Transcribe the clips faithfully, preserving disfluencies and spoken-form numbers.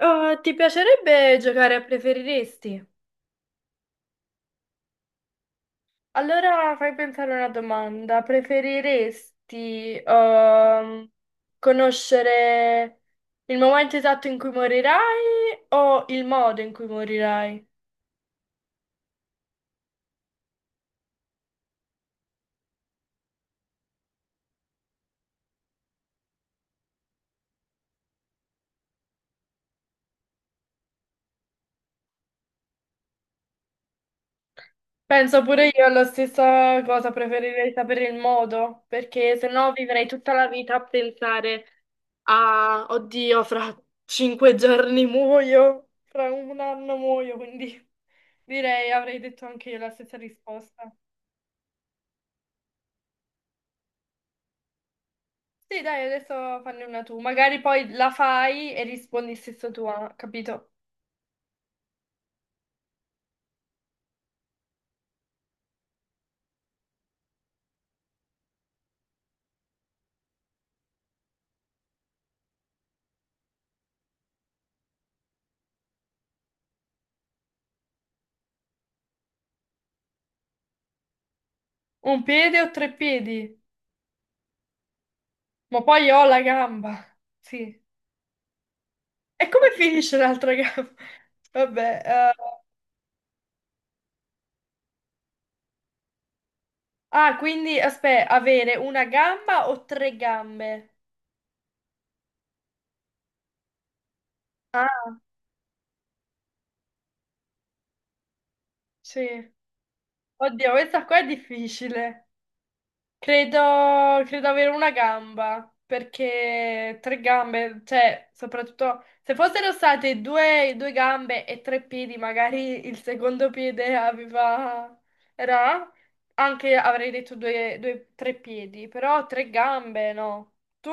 Oh, ti piacerebbe giocare a preferiresti? Allora fai pensare una domanda. Preferiresti ehm, conoscere il momento esatto in cui morirai o il modo in cui morirai? Penso pure io alla stessa cosa, preferirei sapere il modo, perché se no vivrei tutta la vita a pensare a, oddio, fra cinque giorni muoio, fra un anno muoio, quindi direi, avrei detto anche io la stessa risposta. Sì, dai, adesso fanne una tu, magari poi la fai e rispondi stesso tu, ah, capito? Un piede o tre piedi? Ma poi io ho la gamba, sì. E come finisce l'altra gamba? Vabbè, eh, ah, quindi aspetta, avere una gamba o tre gambe? Ah, sì. Oddio, questa qua è difficile. Credo, credo avere una gamba, perché tre gambe, cioè, soprattutto se fossero state due, due gambe e tre piedi, magari il secondo piede aveva... era... Anche avrei detto due, due, tre piedi, però tre gambe, no. Tu?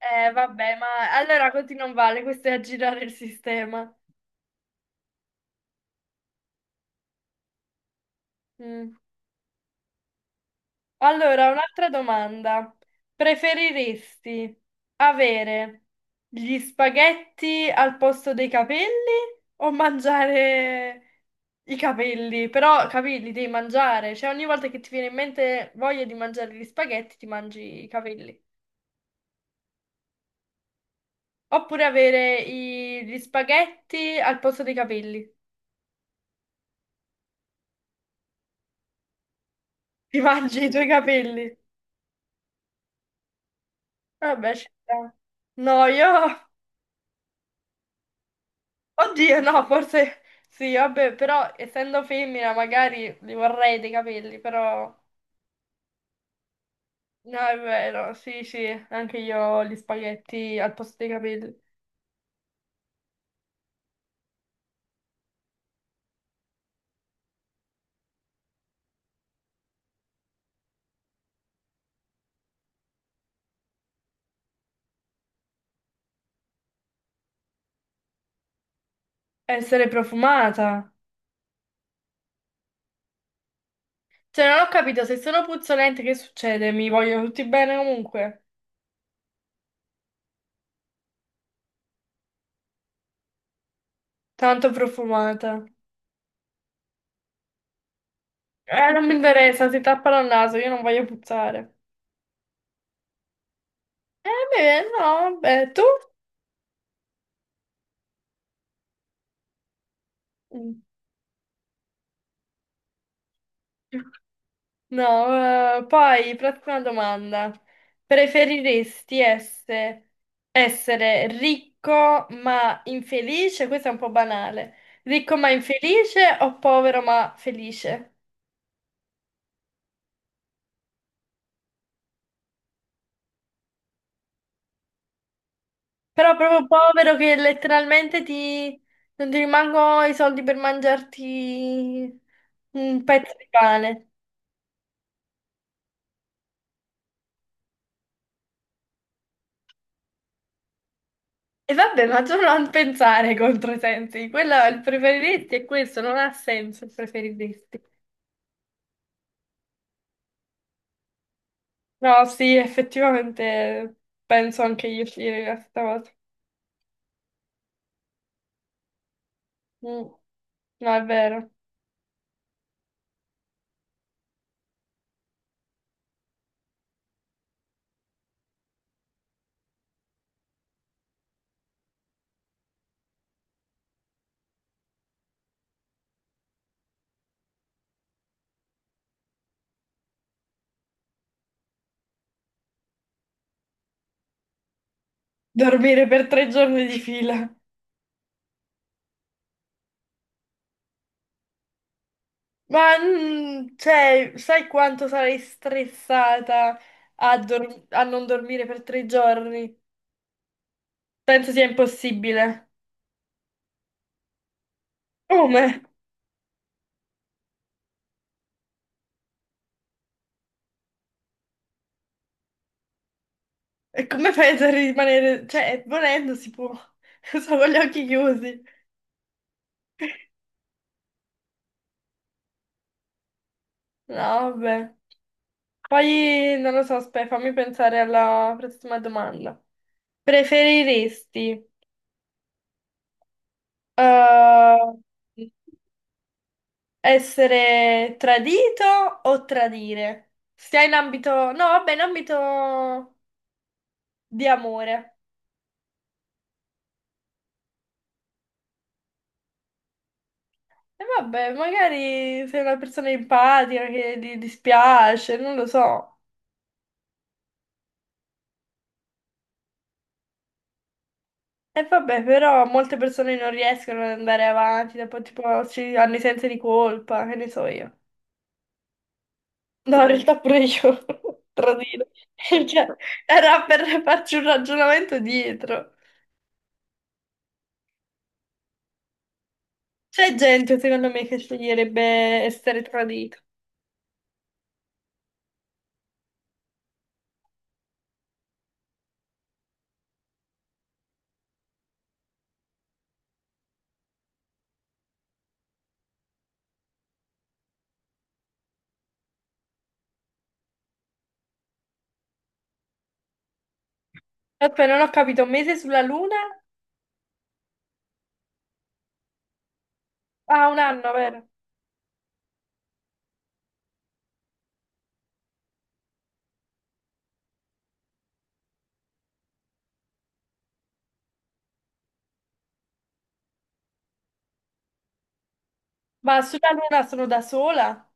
Eh, vabbè, ma allora così non vale, questo è aggirare il sistema. Mm. Allora, un'altra domanda. Preferiresti avere gli spaghetti al posto dei capelli o mangiare i capelli? Però, capelli devi mangiare, cioè ogni volta che ti viene in mente voglia di mangiare gli spaghetti, ti mangi i capelli. Oppure avere i- gli spaghetti al posto dei capelli. Ti mangi i tuoi capelli. Vabbè, ci sta. No, io oddio, no, forse sì, vabbè, però essendo femmina magari li vorrei dei capelli, però no, è vero, sì, sì, anche io ho gli spaghetti al posto dei capelli. Essere profumata. Cioè, non ho capito, se sono puzzolente che succede? Mi vogliono tutti bene comunque. Tanto profumata. Eh, non mi interessa, si tappano il naso, io non voglio puzzare. Eh, beh, no, vabbè, tu? Mm. No, eh, poi prossima domanda. Preferiresti essere, essere ricco ma infelice? Questo è un po' banale. Ricco ma infelice o povero ma felice? Però proprio povero che letteralmente ti... non ti rimangono i soldi per mangiarti un pezzo di pane. E vabbè, ma tu non pensare ai controsensi. Quello è il preferiresti e questo non ha senso il preferiresti. No, sì, effettivamente penso anche io uscire questa volta. Mm, no, è vero. Dormire per tre giorni di fila. Ma, mm, cioè, sai quanto sarei stressata a, dor- a non dormire per tre giorni? Penso sia impossibile. Come? E come penso a rimanere... Cioè, volendo si può. Solo con gli occhi chiusi. No, vabbè. Poi, non lo so, aspetta, fammi pensare alla prossima domanda. Preferiresti eh, essere tradito o tradire? Stia in ambito... No, vabbè, in ambito di amore. E vabbè, magari sei una persona empatica che ti dispiace, non lo so. E vabbè, però molte persone non riescono ad andare avanti, dopo tipo ci hanno i sensi di colpa, che ne so io. No, in realtà pure io, tradito. Cioè, era per farci un ragionamento dietro. C'è gente, secondo me, che sceglierebbe essere tradito. Aspetta, non ho capito, un mese sulla luna? Ah, un anno, vero? Ma sulla luna sono da sola?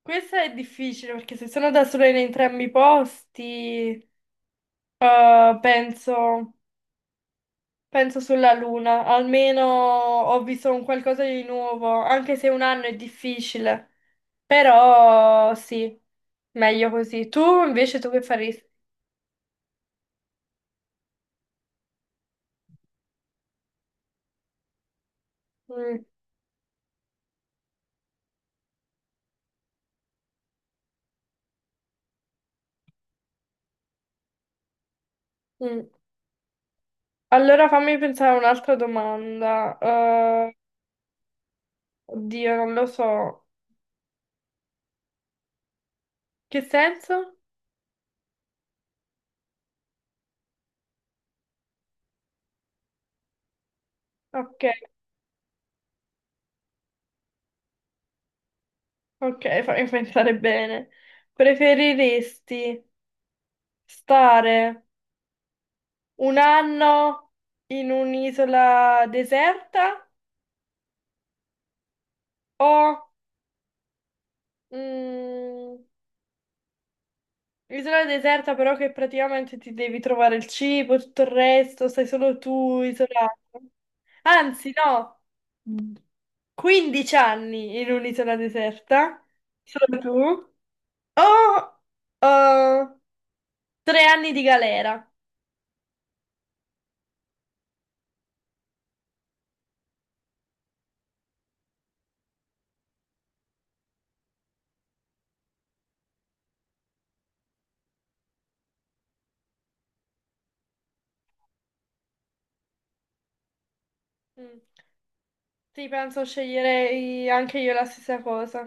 Questo è difficile, perché se sono da sola in entrambi i posti, eh, penso, penso sulla luna. Almeno ho visto un qualcosa di nuovo, anche se un anno è difficile. Però sì, meglio così. Tu invece tu che faresti? Mm, mm. Allora fammi pensare a un'altra domanda. Eh, oddio, non lo so. Che senso? Ok, ok, fammi pensare bene. Preferiresti stare un anno in un'isola deserta o mm, isola deserta però che praticamente ti devi trovare il cibo, tutto il resto, stai solo tu isolato. Anzi, no, quindici anni in un'isola deserta, solo tu, o eh, tre anni di galera. Mm. Sì, penso sceglierei anche io la stessa cosa.